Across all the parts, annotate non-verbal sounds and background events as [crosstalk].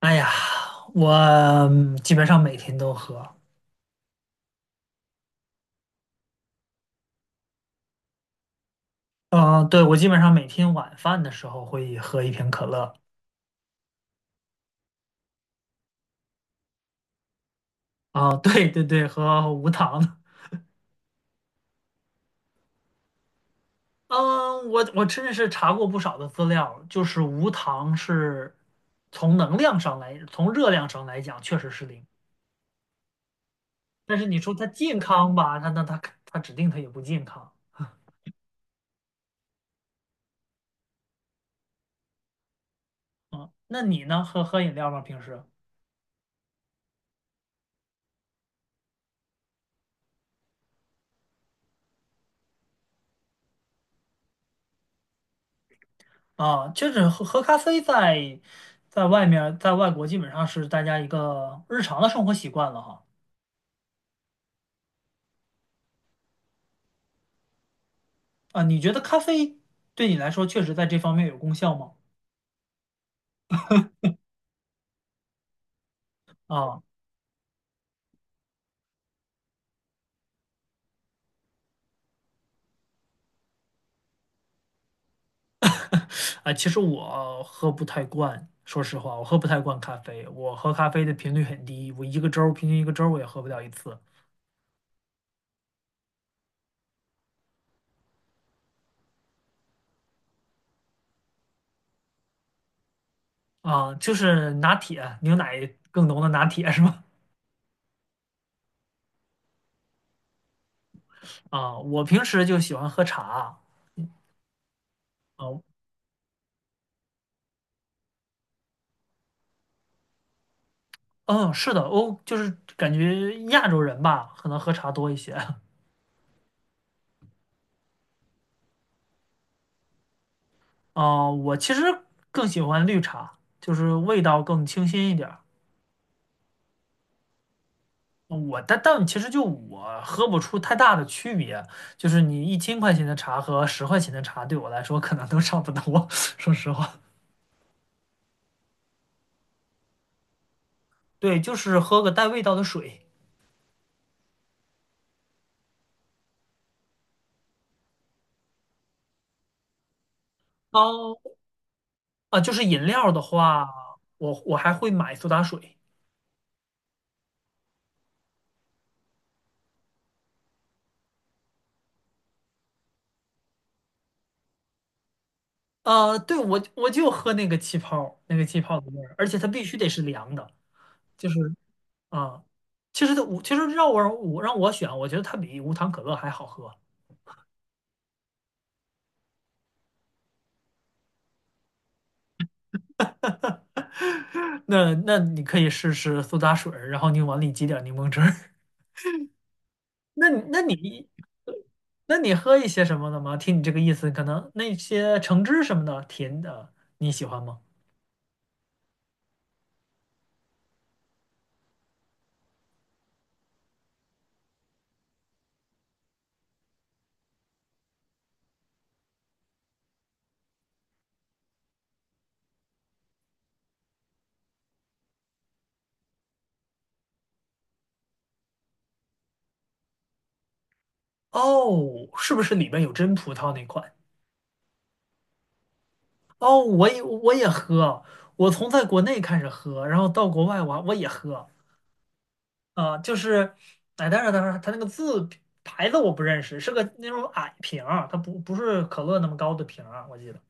哎呀，我嗯基本上每天都喝。嗯、对，我基本上每天晚饭的时候会喝一瓶可乐。啊、对对对，喝无糖的。嗯，我真的是查过不少的资料，就是无糖是从热量上来讲确实是零。但是你说它健康吧，它指定它也不健康。嗯，那你呢？喝喝饮料吗？平时？啊，就是喝喝咖啡在在外面儿在外国基本上是大家一个日常的生活习惯了哈。啊，你觉得咖啡对你来说确实在这方面有功效吗？啊，啊，其实我喝不太惯。说实话，我喝不太惯咖啡，我喝咖啡的频率很低，我一个周儿平均一个周儿我也喝不了一次。啊，就是拿铁，牛奶更浓的拿铁是吧？啊，我平时就喜欢喝茶。啊，嗯，是的，欧就是感觉亚洲人吧，可能喝茶多一些。[laughs] 啊、我其实更喜欢绿茶，就是味道更清新一点儿。我但其实就我喝不出太大的区别，就是你1000块钱的茶和10块钱的茶对我来说可能都差不多，[laughs] 说实话。对，就是喝个带味道的水。哦，啊，就是饮料的话，我还会买苏打水。对，我就喝那个气泡，那个气泡的味儿，而且它必须得是凉的。就是啊、其实它其实让我选，我觉得它比无糖可乐还好喝。[laughs] 那你可以试试苏打水儿，然后你往里挤点柠檬汁儿。[laughs] 那你那你那你喝一些什么的吗？听你这个意思，可能那些橙汁什么的甜的你喜欢吗？哦，是不是里面有真葡萄那款？哦，我也喝，我在国内开始喝，然后到国外我也喝，啊、就是，哎，但是它那个牌子我不认识，是个那种矮瓶儿，它不不是可乐那么高的瓶儿啊，我记得。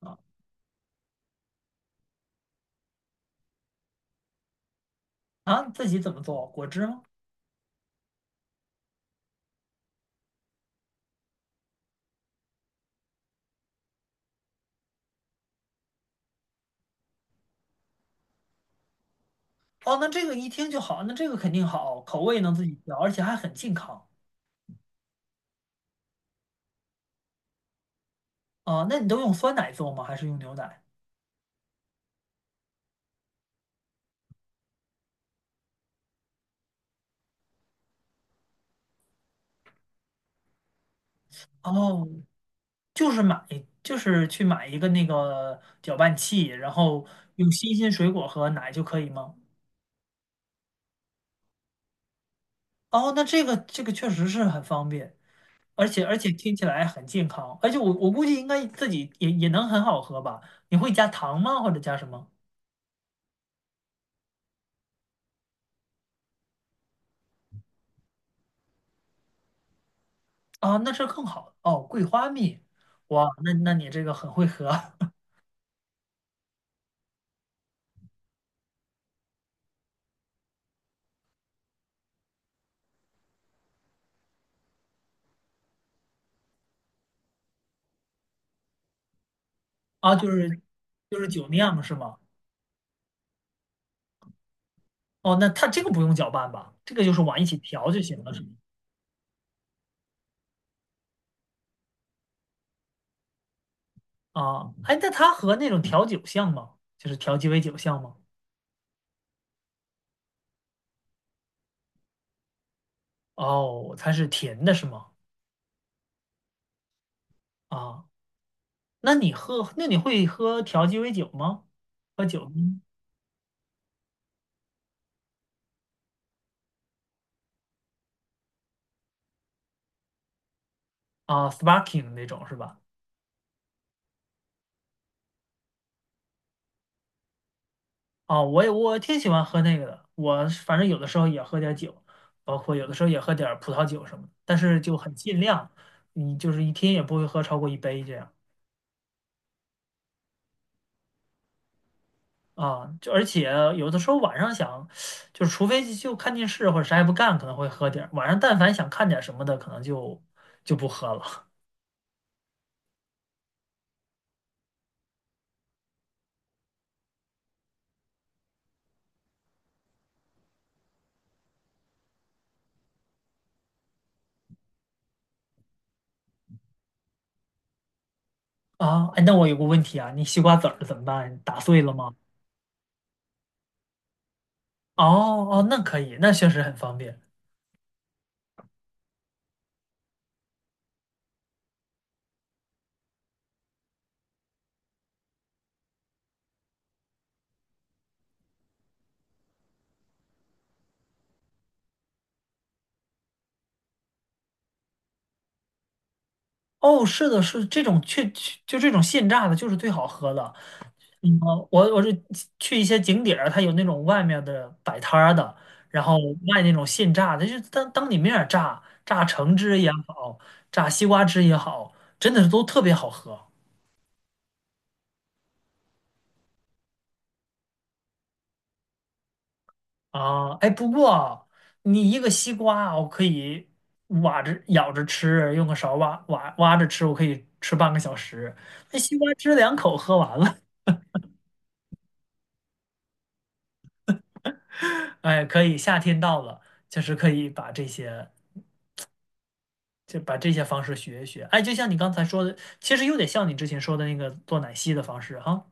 啊啊，自己怎么做？果汁吗？哦，那这个一听就好，那这个肯定好，口味能自己调，而且还很健康。啊，那你都用酸奶做吗？还是用牛奶？哦，就是买，就是去买一个那个搅拌器，然后用新鲜水果和奶就可以吗？哦，那这个确实是很方便。而且听起来很健康，而且我估计应该自己也能很好喝吧？你会加糖吗？或者加什么？啊，那是更好哦，桂花蜜。哇，那你这个很会喝。 [laughs] 啊，就是酒酿是吗？哦，那它这个不用搅拌吧？这个就是往一起调就行了，是吗？啊，哎，那它和那种调酒像吗？就是调鸡尾酒像吗？哦，它是甜的是吗？啊，那你喝，那你会喝调鸡尾酒吗？喝酒吗？啊，sparkling 那种是吧？哦，我挺喜欢喝那个的，我是反正有的时候也喝点儿酒，包括有的时候也喝点儿葡萄酒什么的，但是就很尽量。你就是一天也不会喝超过一杯这样。啊，就而且有的时候晚上想，就是除非就看电视或者啥也不干，可能会喝点儿。晚上但凡想看点儿什么的，可能就不喝了。啊，哎，那我有个问题啊，你西瓜籽儿怎么办？打碎了吗？哦哦，那可以，那确实很方便。哦，是的，是这种确就这种现榨的，就是最好喝的。嗯，我是去一些景点儿，它有那种外面的摆摊儿的，然后卖那种现榨的，就是当你面儿榨，榨橙汁也好，榨西瓜汁也好，真的是都特别好喝啊！哎，不过你一个西瓜，我可以挖着咬着吃，用个勺挖挖挖着吃，我可以吃半个小时。那西瓜汁两口喝完了。[laughs] 哎，可以，夏天到了，就是可以把这些。就把这些方式学一学。哎，就像你刚才说的，其实有点像你之前说的那个做奶昔的方式哈。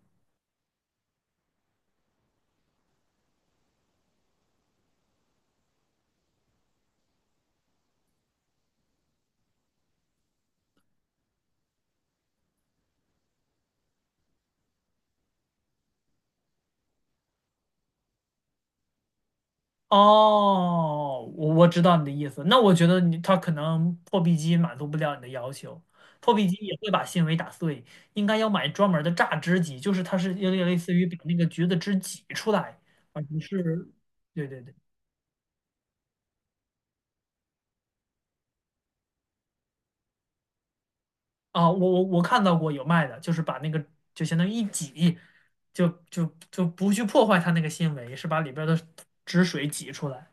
哦，我知道你的意思。那我觉得你它可能破壁机满足不了你的要求，破壁机也会把纤维打碎，应该要买专门的榨汁机，就是它是有点类似于把那个橘子汁挤出来，而不是，对对对。啊，我看到过有卖的，就是把那个就相当于一挤，就不去破坏它那个纤维，是把里边的汁水挤出来。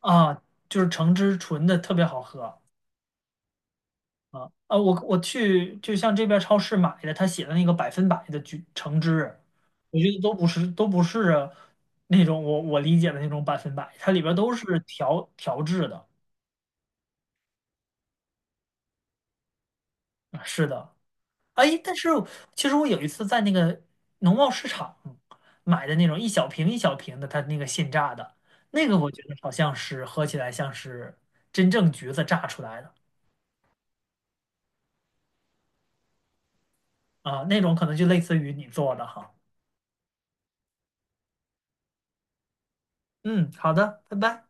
啊，就是橙汁纯的特别好喝啊啊！我去就像这边超市买的，他写的那个百分百的橘橙汁啊，我觉得都不是那种我我理解的那种百分百，它里边都是调制的。啊是的。哎，但是其实我有一次在那个农贸市场买的那种一小瓶一小瓶的，它那个现榨的，那个我觉得好像是喝起来像是真正橘子榨出来的。啊，那种可能就类似于你做的哈。嗯，好的，拜拜。